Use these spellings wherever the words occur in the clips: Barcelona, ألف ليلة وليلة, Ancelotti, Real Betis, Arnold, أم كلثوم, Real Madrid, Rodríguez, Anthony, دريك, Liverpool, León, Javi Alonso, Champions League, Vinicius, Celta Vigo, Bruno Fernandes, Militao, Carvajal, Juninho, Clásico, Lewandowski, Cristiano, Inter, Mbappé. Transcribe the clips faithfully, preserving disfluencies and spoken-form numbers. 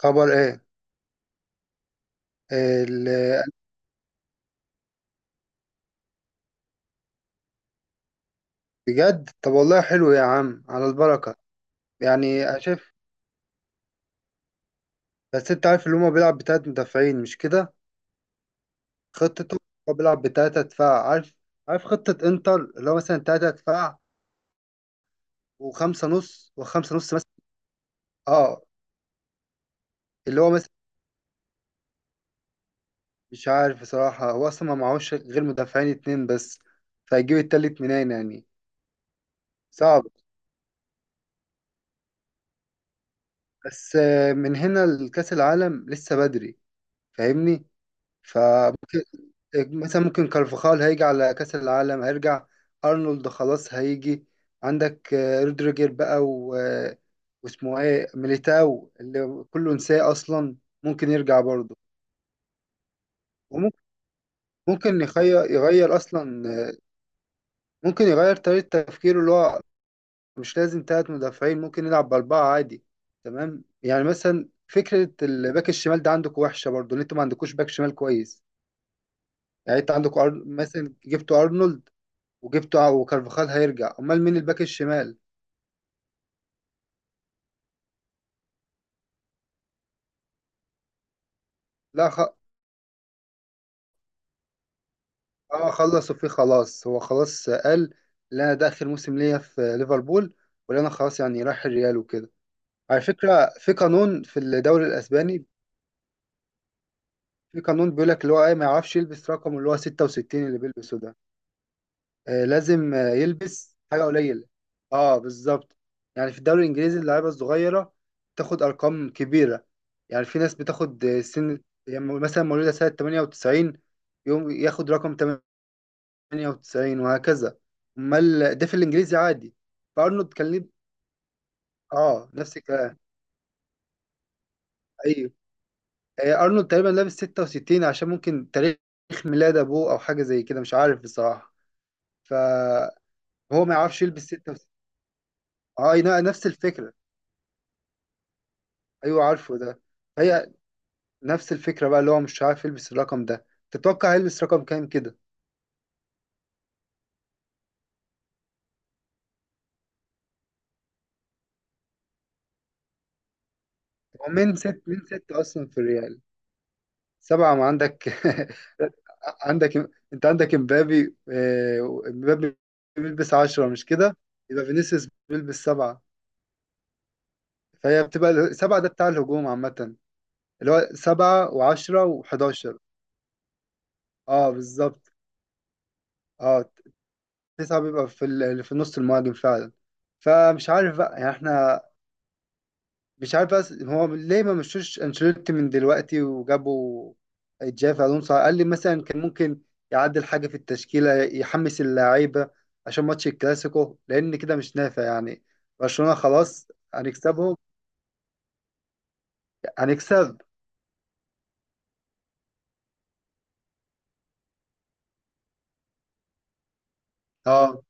خبر ايه؟ ال- بجد، طب والله حلو يا عم، على البركة. يعني شايف. بس انت عارف اللي هما بيلعب بتلات مدافعين مش كده؟ خطته. هو بيلعب بتلاتة دفاع، عارف. عارف خطة انتر اللي هو مثلا تلاتة دفاع، وخمسة نص وخمسة نص مثلا. اه. اللي هو مثلا مش عارف بصراحة، هو اصلا ما معهوش غير مدافعين اتنين بس، فهيجيب التالت منين يعني؟ صعب. بس آه، من هنا لكأس العالم لسه بدري، فاهمني. ف مثلا ممكن كارفاخال هيجي على كأس العالم، هيرجع. أرنولد خلاص هيجي. عندك آه، رودريجر بقى و... آه، واسمه ايه ميليتاو اللي كله نساه أصلا، ممكن يرجع برضه. وممكن، ممكن يغير يغير أصلا آه، ممكن يغير طريقة تفكيره. اللي هو مش لازم تلات مدافعين، ممكن يلعب بأربعة عادي. تمام، يعني مثلا فكرة الباك الشمال ده عندكم وحشة برضه، إن أنتوا ما عندكوش باك شمال كويس. يعني أنت عندكوا أر... مثلا جبتوا أرنولد وجبته، وكارفاخال هيرجع، امال مين الباك الشمال؟ لا خ... اه خلص وفيه، خلاص هو خلاص قال: لا، انا ده اخر موسم ليا في ليفربول، ولا انا خلاص يعني رايح الريال وكده. على فكره في قانون في الدوري الاسباني، في قانون بيقول لك اللي هو ايه، ما يعرفش يلبس رقم اللي هو ستة وستين اللي بيلبسه ده. آه، لازم آه، يلبس حاجه قليله. اه بالظبط. يعني في الدوري الانجليزي، اللعيبه الصغيره تاخد ارقام كبيره، يعني في ناس بتاخد آه، سن، يعني مثلا مولوده سنه تمانية وتسعين، يوم ياخد رقم تمانية وتسعين وهكذا. امال ده في الانجليزي عادي. فارنولد كان ليه؟ اه نفس الكلام. ايوه. آه، ارنولد تقريبا لابس ستة وستين عشان ممكن تاريخ ميلاد ابوه او حاجه زي كده، مش عارف بصراحه. فهو ما يعرفش يلبس ستة وستين. اه لا، نفس الفكره. ايوه عارفه ده. هي نفس الفكره بقى، اللي هو مش عارف يلبس الرقم ده، تتوقع هيلبس رقم كام كده؟ هو من ست من ست اصلا في الريال. سبعه ما عندك. عندك، انت عندك امبابي، آه، امبابي بيلبس عشرة مش كده؟ يبقى فينيسيوس بيلبس سبعة. فهي بتبقى ال- سبعة ده بتاع الهجوم عامة، اللي هو سبعة وعشرة وحداشر. اه بالظبط. اه. تسعة بيبقى في ال- اللي في نص المهاجم فعلا. فمش عارف بقى، يعني احنا مش عارف، بس هو ليه ما مشوش انشيلوتي من دلوقتي وجابوا جافي الونسو؟ على الاقل مثلا كان ممكن يعدل حاجه في التشكيله، يحمس اللعيبه عشان ماتش الكلاسيكو، لان كده مش نافع يعني. برشلونه خلاص هنكسبهم. هنكسب. اه.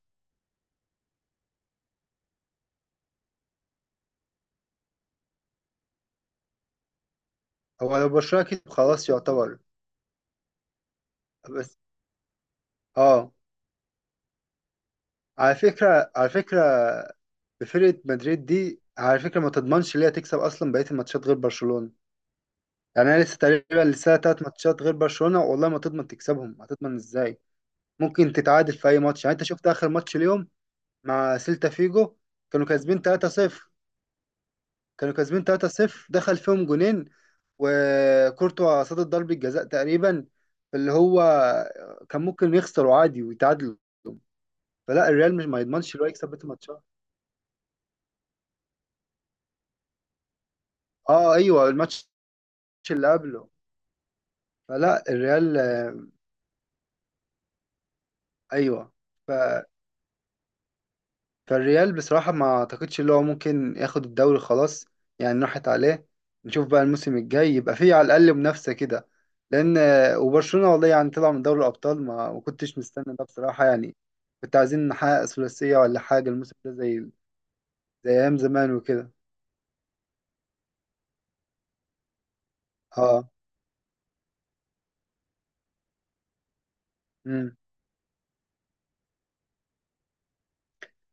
هو لو برشلونه كسب خلاص، يعتبر. بس. اه. على فكره على فكره، فرقه مدريد دي على فكره ما تضمنش ليه تكسب اصلا بقيه الماتشات غير برشلونه. يعني انا لسه تقريبا لسه تلات ماتشات غير برشلونة، والله ما تضمن تكسبهم، هتضمن ازاي؟ ممكن تتعادل في اي ماتش. يعني انت شفت اخر ماتش اليوم مع سيلتا فيجو، كانوا كاسبين تلاتة صفر. كانوا كاسبين ثلاثة صفر، دخل فيهم جونين وكورتوا صد ضربة جزاء تقريبا، اللي هو كان ممكن يخسروا عادي ويتعادلوا. فلا الريال مش ما يضمنش اللي هو يكسب بيت الماتشات. اه ايوه، الماتش اللي قبله. فلا الريال آه، ايوه. ف فالريال بصراحة ما أعتقدش اللي هو ممكن ياخد الدوري خلاص، يعني راحت عليه. نشوف بقى الموسم الجاي يبقى فيه على الأقل منافسة كده، لأن... وبرشلونة والله يعني طلع من دوري الأبطال، ما ما كنتش مستني ده بصراحة، يعني كنت عايزين نحقق ثلاثية ولا حاجة الموسم ده زي زي أيام زمان وكده. اه. امم.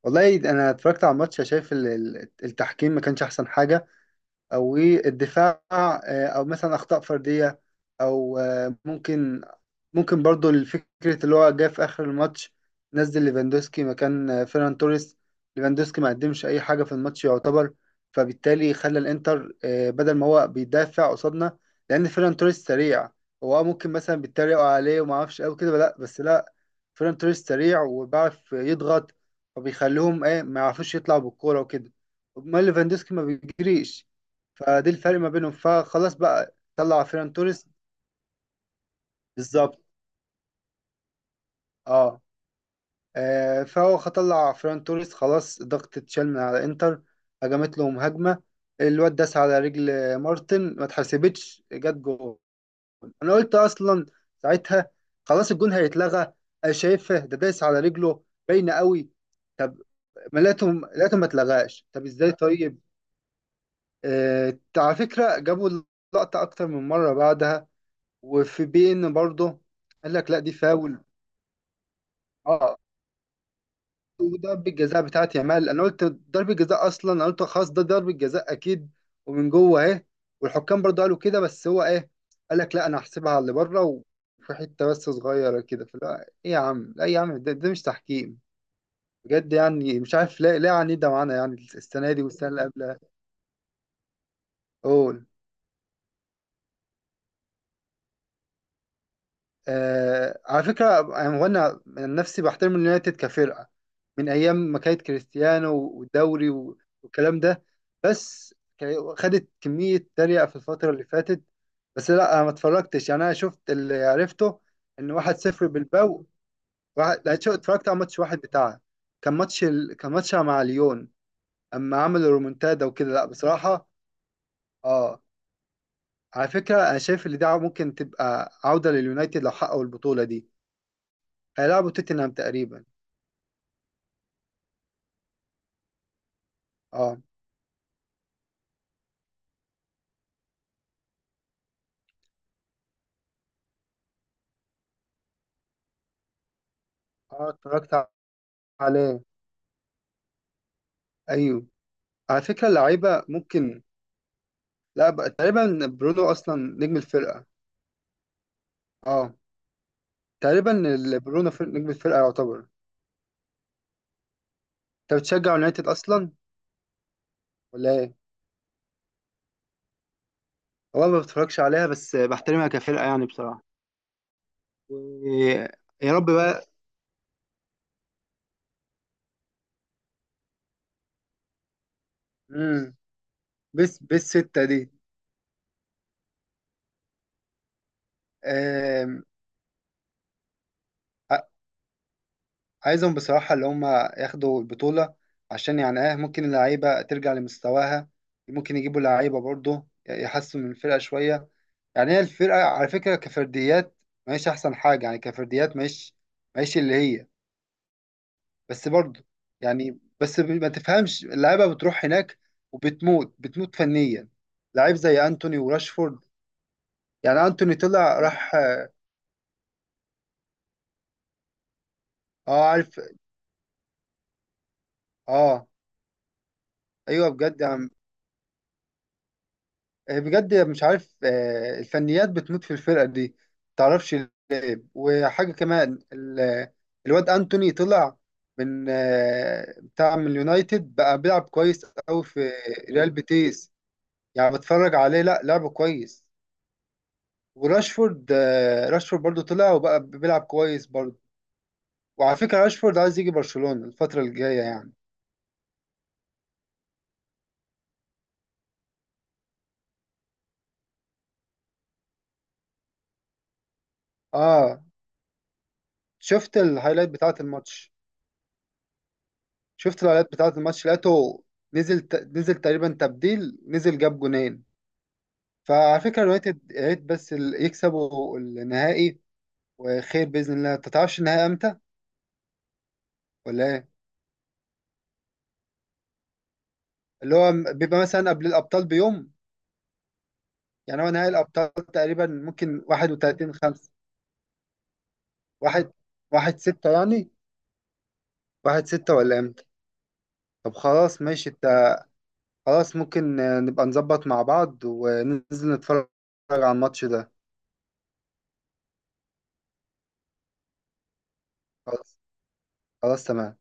والله أنا اتفرجت على الماتش، شايف ال- ال- التحكيم ما كانش أحسن حاجة، او ايه الدفاع آه، او مثلا اخطاء فرديه، او آه، ممكن ممكن برضو الفكره اللي هو جه في اخر الماتش. نزل ليفاندوسكي مكان آه، فيران توريس. ليفاندوسكي ما قدمش اي حاجه في الماتش يعتبر، فبالتالي خلى الانتر آه، بدل ما هو بيدافع قصادنا، لان فيران توريس سريع. هو آه، ممكن مثلا بيتريقوا عليه وما اعرفش قوي كده، لا بس لا. فيران توريس سريع وبيعرف يضغط، فبيخليهم ايه ما يعرفوش يطلعوا بالكوره وكده. امال ليفاندوسكي ما بيجريش، فدي الفرق ما بينهم. فخلاص بقى طلع فيران توريس. بالظبط. اه. آه، فهو طلع فيران توريس، خلاص ضغط اتشال من على انتر، هجمت لهم هجمة، الواد داس على رجل مارتن، ما اتحسبتش جت جول. انا قلت اصلا ساعتها: خلاص الجون هيتلغى، انا شايفه ده داس على رجله، باينة قوي. طب ما لقيتهم لقيتهم ما اتلغاش، طب ازاي طيب؟ آه على فكرة جابوا اللقطة اكتر من مرة بعدها، وفي بي ان برضه قال لك لا، دي فاول. اه. وضربة جزاء بتاعت يامال، انا قلت ضربة جزاء اصلا، انا قلت خلاص ده ضربة جزاء اكيد، ومن جوه اهي، والحكام برضه قالوا كده، بس هو ايه قال لك: لا، انا هحسبها على اللي بره، وفي حته بس صغيره كده. فلا ايه يا عم، لا يا عم، ده, ده مش تحكيم بجد. يعني مش عارف، لا لا، يعني ده معانا يعني السنه دي والسنه اللي قبلها. قول. آه على فكرة يعني، وانا من نفسي بحترم اليونايتد كفرقة من أيام ما كانت كريستيانو والدوري و- والكلام ده، بس كا- خدت كمية تريقة في الفترة اللي فاتت. بس لا أنا ما اتفرجتش يعني، أنا شفت اللي عرفته، إن واحد صفر بالباو. واحد، لا، شو- اتفرجت على ماتش واحد بتاعها، كان ماتش ال... كان ماتش مع ليون، أما عملوا رومونتادا وكده لا بصراحة. آه على فكرة أنا شايف إن دي ممكن تبقى عودة لليونايتد لو حققوا البطولة دي، هيلعبوا توتنهام تقريبا. اه. اه اتفرجت عليه. ايوه. على فكره اللعيبه ممكن، لا بقى تقريبا برونو اصلا نجم الفرقه. اه. تقريبا ال- برونو فر... نجم الفرقه يعتبر. انت بتشجع يونايتد اصلا ولا ايه؟ هو أنا ما بتفرجش عليها، بس بحترمها كفرقه يعني بصراحه و... يا رب بقى. امم. بس بس ستة دي آم، ع- عايزهم بصراحه اللي هم ياخدوا البطوله، عشان يعني اه ممكن اللعيبه ترجع لمستواها، ممكن يجيبوا لعيبه برضه يحسنوا من الفرقه شويه. يعني هي الفرقة على فكرة كفرديات ماهيش أحسن حاجة، يعني كفرديات ماهيش، ماهيش اللي هي. بس برضه يعني، بس ب- ما تفهمش اللعيبة بتروح هناك وبتموت بتموت فنيا، لعيب زي أنتوني وراشفورد. يعني أنتوني طلع راح آه آه، عارف. آه. أيوه بجد يعني آه، بجد مش عارف آه، الفنيات بتموت في الفرقة دي، متعرفش ليه. وحاجة كمان ال- الواد أنتوني طلع من آه، بتاع من اليونايتد، بقى بيلعب كويس أوي في ريال بيتيس. يعني بتفرج عليه، لا لعبه كويس. وراشفورد آه، راشفورد برضو طلع وبقى بيلعب كويس برضو. وعلى فكرة راشفورد عايز يجي برشلونة الفترة الجاية يعني. اه. شفت الهايلايت بتاعة الماتش؟ شفت الاعلانات بتاعة الماتش، لقيته نزل ت... نزل تقريبا تبديل، نزل جاب جونين. فعلى فكرة اليونايتد يا ريت بس ال- يكسبوا النهائي، وخير بإذن الله. انت تعرفش النهائي امتى ولا ايه؟ اللي هو م- بيبقى مثلا قبل الأبطال بيوم، يعني هو نهائي الأبطال تقريبا ممكن واحد وتلاتين خمسة. واحد واحد ستة يعني، واحد ستة ولا امتى؟ طب خلاص ماشي انت. خلاص ممكن آه، نبقى نظبط مع بعض وننزل نتفرج على الماتش ده. خلاص. خلاص تمام.